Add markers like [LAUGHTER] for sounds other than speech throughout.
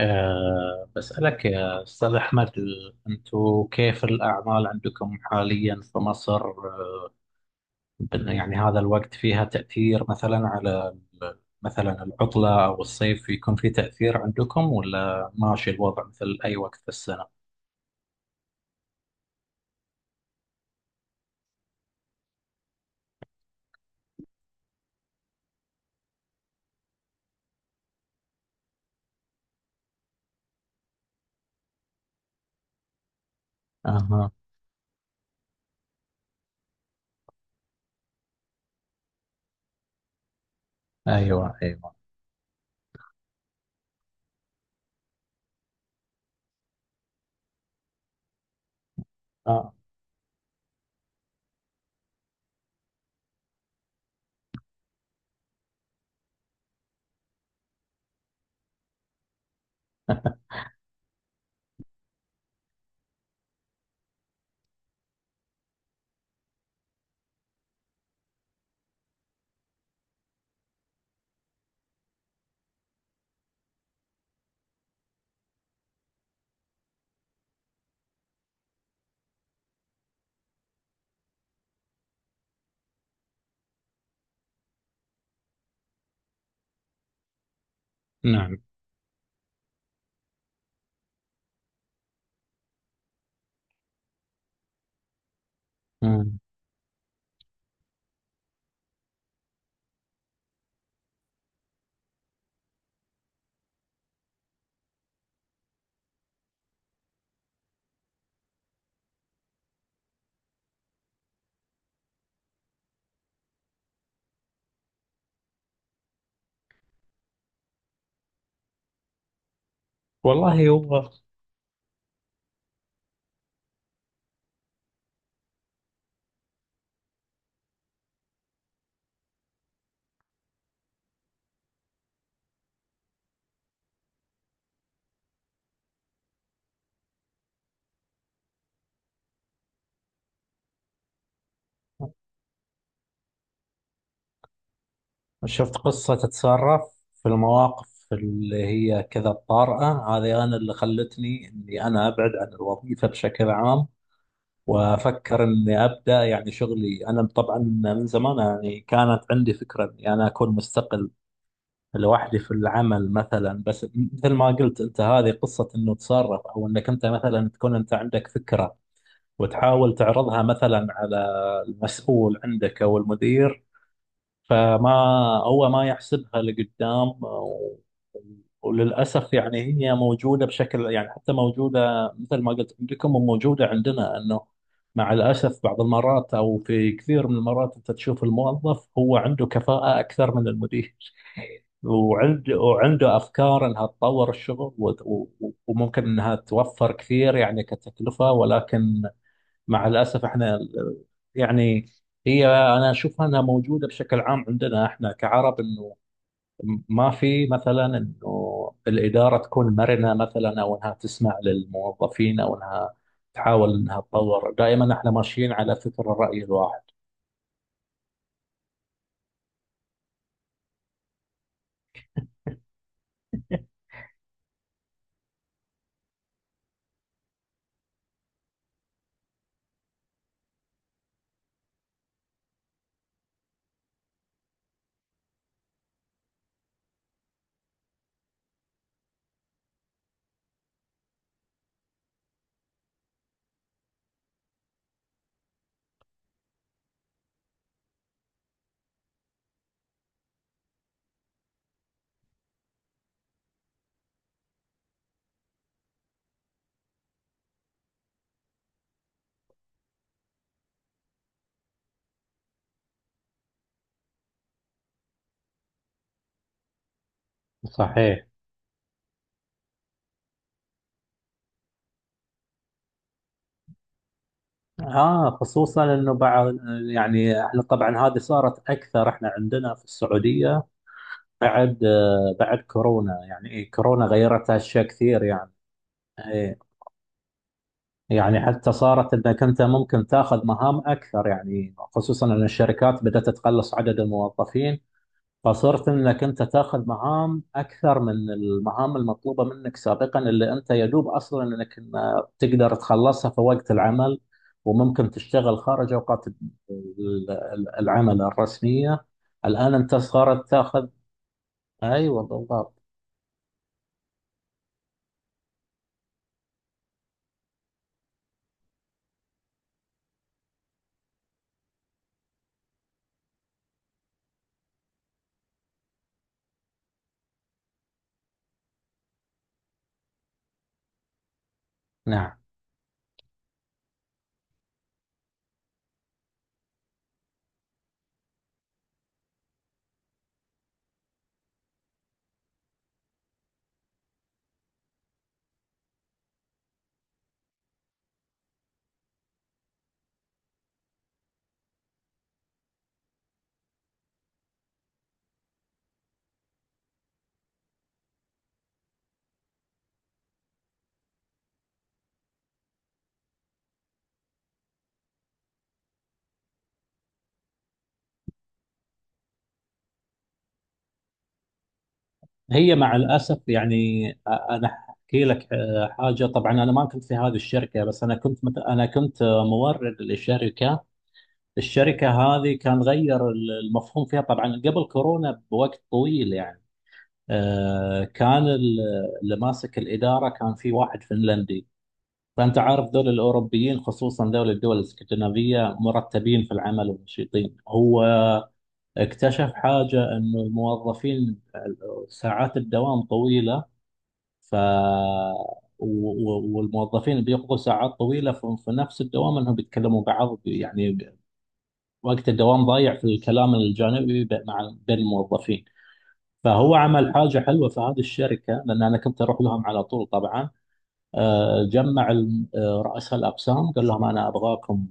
بسألك يا أستاذ أحمد، أنتوا كيف الأعمال عندكم حاليا في مصر؟ يعني هذا الوقت فيها تأثير مثلا على مثلا العطلة أو الصيف يكون في تأثير عندكم ولا ماشي الوضع مثل أي وقت في السنة؟ أها. أيوه أيوه. آه. نعم. مم. والله هو، شفت قصة تتصرف في المواقف اللي هي كذا الطارئة هذه، أنا اللي خلتني إني أنا أبعد عن الوظيفة بشكل عام وأفكر إني أبدأ يعني شغلي. أنا طبعا من زمان يعني كانت عندي فكرة إني أنا أكون مستقل لوحدي في العمل مثلا، بس مثل ما قلت أنت هذه قصة إنه تصرف، أو إنك أنت مثلا تكون أنت عندك فكرة وتحاول تعرضها مثلا على المسؤول عندك أو المدير، فما هو ما يحسبها لقدام، وللأسف يعني هي موجودة بشكل، يعني حتى موجودة مثل ما قلت عندكم وموجودة عندنا، أنه مع الأسف بعض المرات أو في كثير من المرات أنت تشوف الموظف هو عنده كفاءة أكثر من المدير، وعنده أفكار أنها تطور الشغل وممكن أنها توفر كثير يعني كتكلفة، ولكن مع الأسف احنا يعني، هي أنا أشوفها أنها موجودة بشكل عام عندنا احنا كعرب، أنه ما في مثلا أنه الإدارة تكون مرنة مثلا، أو أنها تسمع للموظفين، أو أنها تحاول أنها تطور. دائما احنا ماشيين على فكر الرأي الواحد. صحيح. اه، خصوصا انه بعض، يعني احنا طبعا هذه صارت اكثر احنا عندنا في السعوديه بعد بعد كورونا، يعني إيه، كورونا غيرت اشياء كثير يعني. إيه. يعني حتى صارت انك انت ممكن تاخذ مهام اكثر، يعني خصوصا ان الشركات بدات تقلص عدد الموظفين، فصرت انك انت تاخذ مهام اكثر من المهام المطلوبه منك سابقا، اللي انت يدوب اصلا تقدر تخلصها في وقت العمل، وممكن تشتغل خارج اوقات العمل الرسميه. الان انت صارت تاخذ. ايوه بالضبط. نعم. هي مع الأسف يعني، أنا أحكي لك حاجة. طبعا أنا ما كنت في هذه الشركة، بس أنا كنت أنا كنت مورد لشركة. الشركة هذه كان غير المفهوم فيها، طبعا قبل كورونا بوقت طويل يعني. آه، كان ال- اللي ماسك الإدارة كان في واحد فنلندي، فأنت عارف دول الأوروبيين خصوصا دول الدول الاسكندنافية مرتبين في العمل ونشيطين. هو اكتشف حاجة، أنه الموظفين ساعات الدوام طويلة، ف و- والموظفين اللي بيقضوا ساعات طويله في نفس الدوام انهم بيتكلموا بعض يعني، وقت الدوام ضايع في الكلام الجانبي مع بين الموظفين. فهو عمل حاجه حلوه في هذه الشركه، لان انا كنت اروح لهم على طول طبعا. جمع رؤساء الاقسام قال لهم انا ابغاكم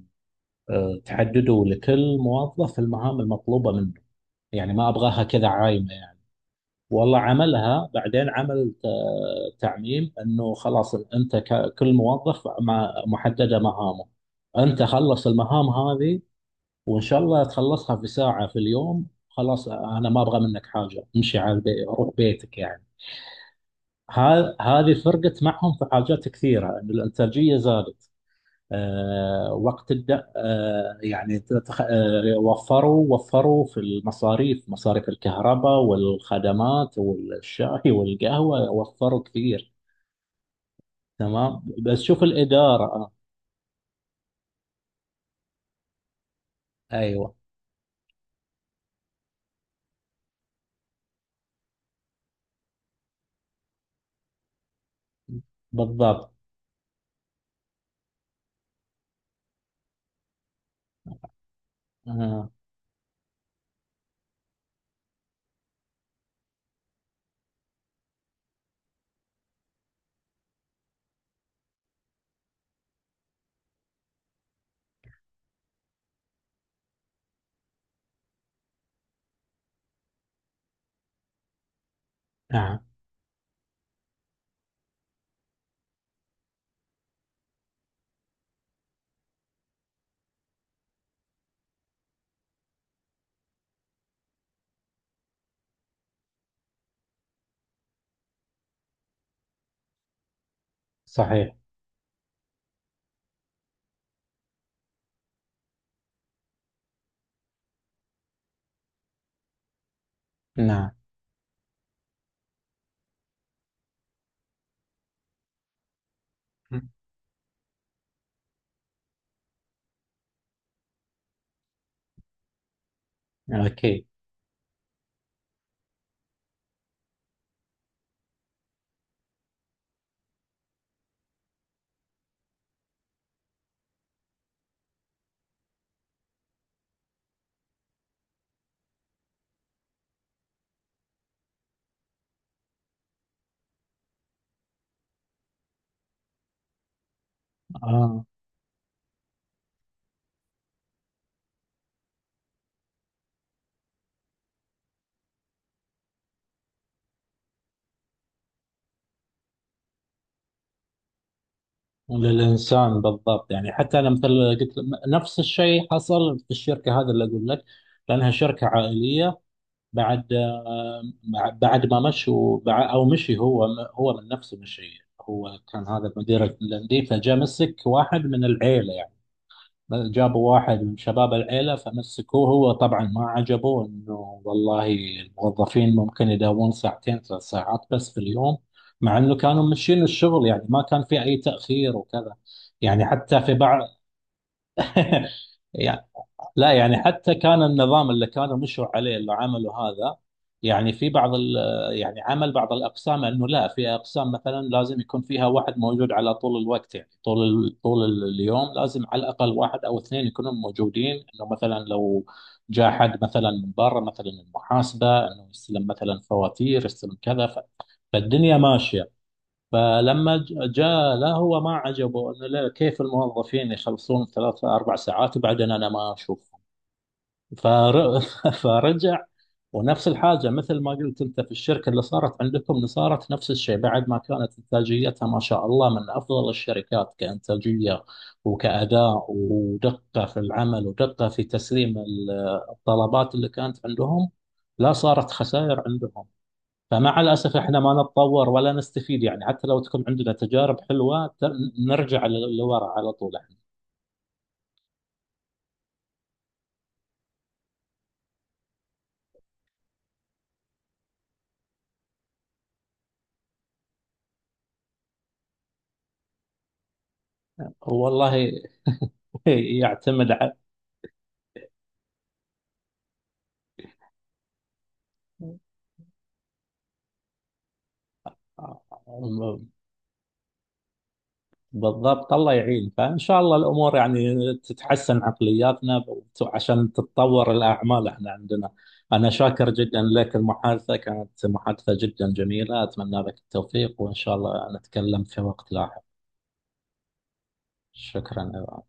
تحددوا لكل موظف المهام المطلوبه منه، يعني ما ابغاها كذا عايمه. والله عملها، بعدين عمل تعميم انه خلاص انت كل موظف محدده مهامه، انت خلص المهام هذه، وان شاء الله تخلصها في ساعه في اليوم، خلاص انا ما ابغى منك حاجه، امشي على البيت، روح بيتك يعني. هذه فرقت معهم في حاجات كثيره، ان الانتاجيه زادت، وقت تبدأ يعني وفروا، وفروا في المصاريف، مصاريف الكهرباء والخدمات والشاي والقهوة، وفروا كثير. تمام، بس شوف الإدارة أيوة بالضبط. آه، نعم. صحيح. نعم. أكيد. آه، للإنسان بالضبط، يعني حتى أنا مثل قلت، نفس الشيء حصل في الشركة هذا اللي أقول لك، لأنها شركة عائلية. بعد بعد ما مشوا، او مشي هو، هو من نفسه مشي. هو كان هذا المدير الانديه، فجاء مسك واحد من العيله يعني، جابوا واحد من شباب العيله فمسكوه. هو طبعا ما عجبه انه، والله الموظفين ممكن يداومون 2 3 ساعات بس في اليوم، مع انه كانوا ماشيين الشغل، يعني ما كان في اي تاخير وكذا. يعني حتى في بعض [LAUGHS] لا، يعني حتى كان النظام اللي كانوا مشوا عليه، اللي عملوا هذا، يعني في بعض يعني، عمل بعض الأقسام أنه لا، في أقسام مثلا لازم يكون فيها واحد موجود على طول الوقت، يعني طول اليوم لازم على الأقل واحد أو اثنين يكونوا موجودين، أنه مثلا لو جاء حد مثلا من برا مثلا المحاسبة أنه يستلم مثلا فواتير، يستلم كذا، فالدنيا ماشية. فلما جاء، لا هو ما عجبه انه، لا، كيف الموظفين يخلصون 3 4 ساعات وبعدين انا ما اشوف؟ فر... [LAUGHS] فرجع. ونفس الحاجة مثل ما قلت أنت في الشركة اللي صارت عندكم، صارت نفس الشيء بعد ما كانت إنتاجيتها ما شاء الله من أفضل الشركات كإنتاجية وكأداء ودقة في العمل ودقة في تسليم الطلبات اللي كانت عندهم، لا صارت خسائر عندهم. فمع الأسف إحنا ما نتطور ولا نستفيد، يعني حتى لو تكون عندنا تجارب حلوة نرجع لورا على طول إحنا. والله [LAUGHS] يعتمد على، بالضبط. الله يعين، فإن شاء الله الأمور يعني تتحسن عقلياتنا عشان تتطور الأعمال احنا عندنا. أنا شاكر جدا لك، المحادثة كانت محادثة جدا جميلة، أتمنى لك التوفيق، وإن شاء الله نتكلم في وقت لاحق. شكرا.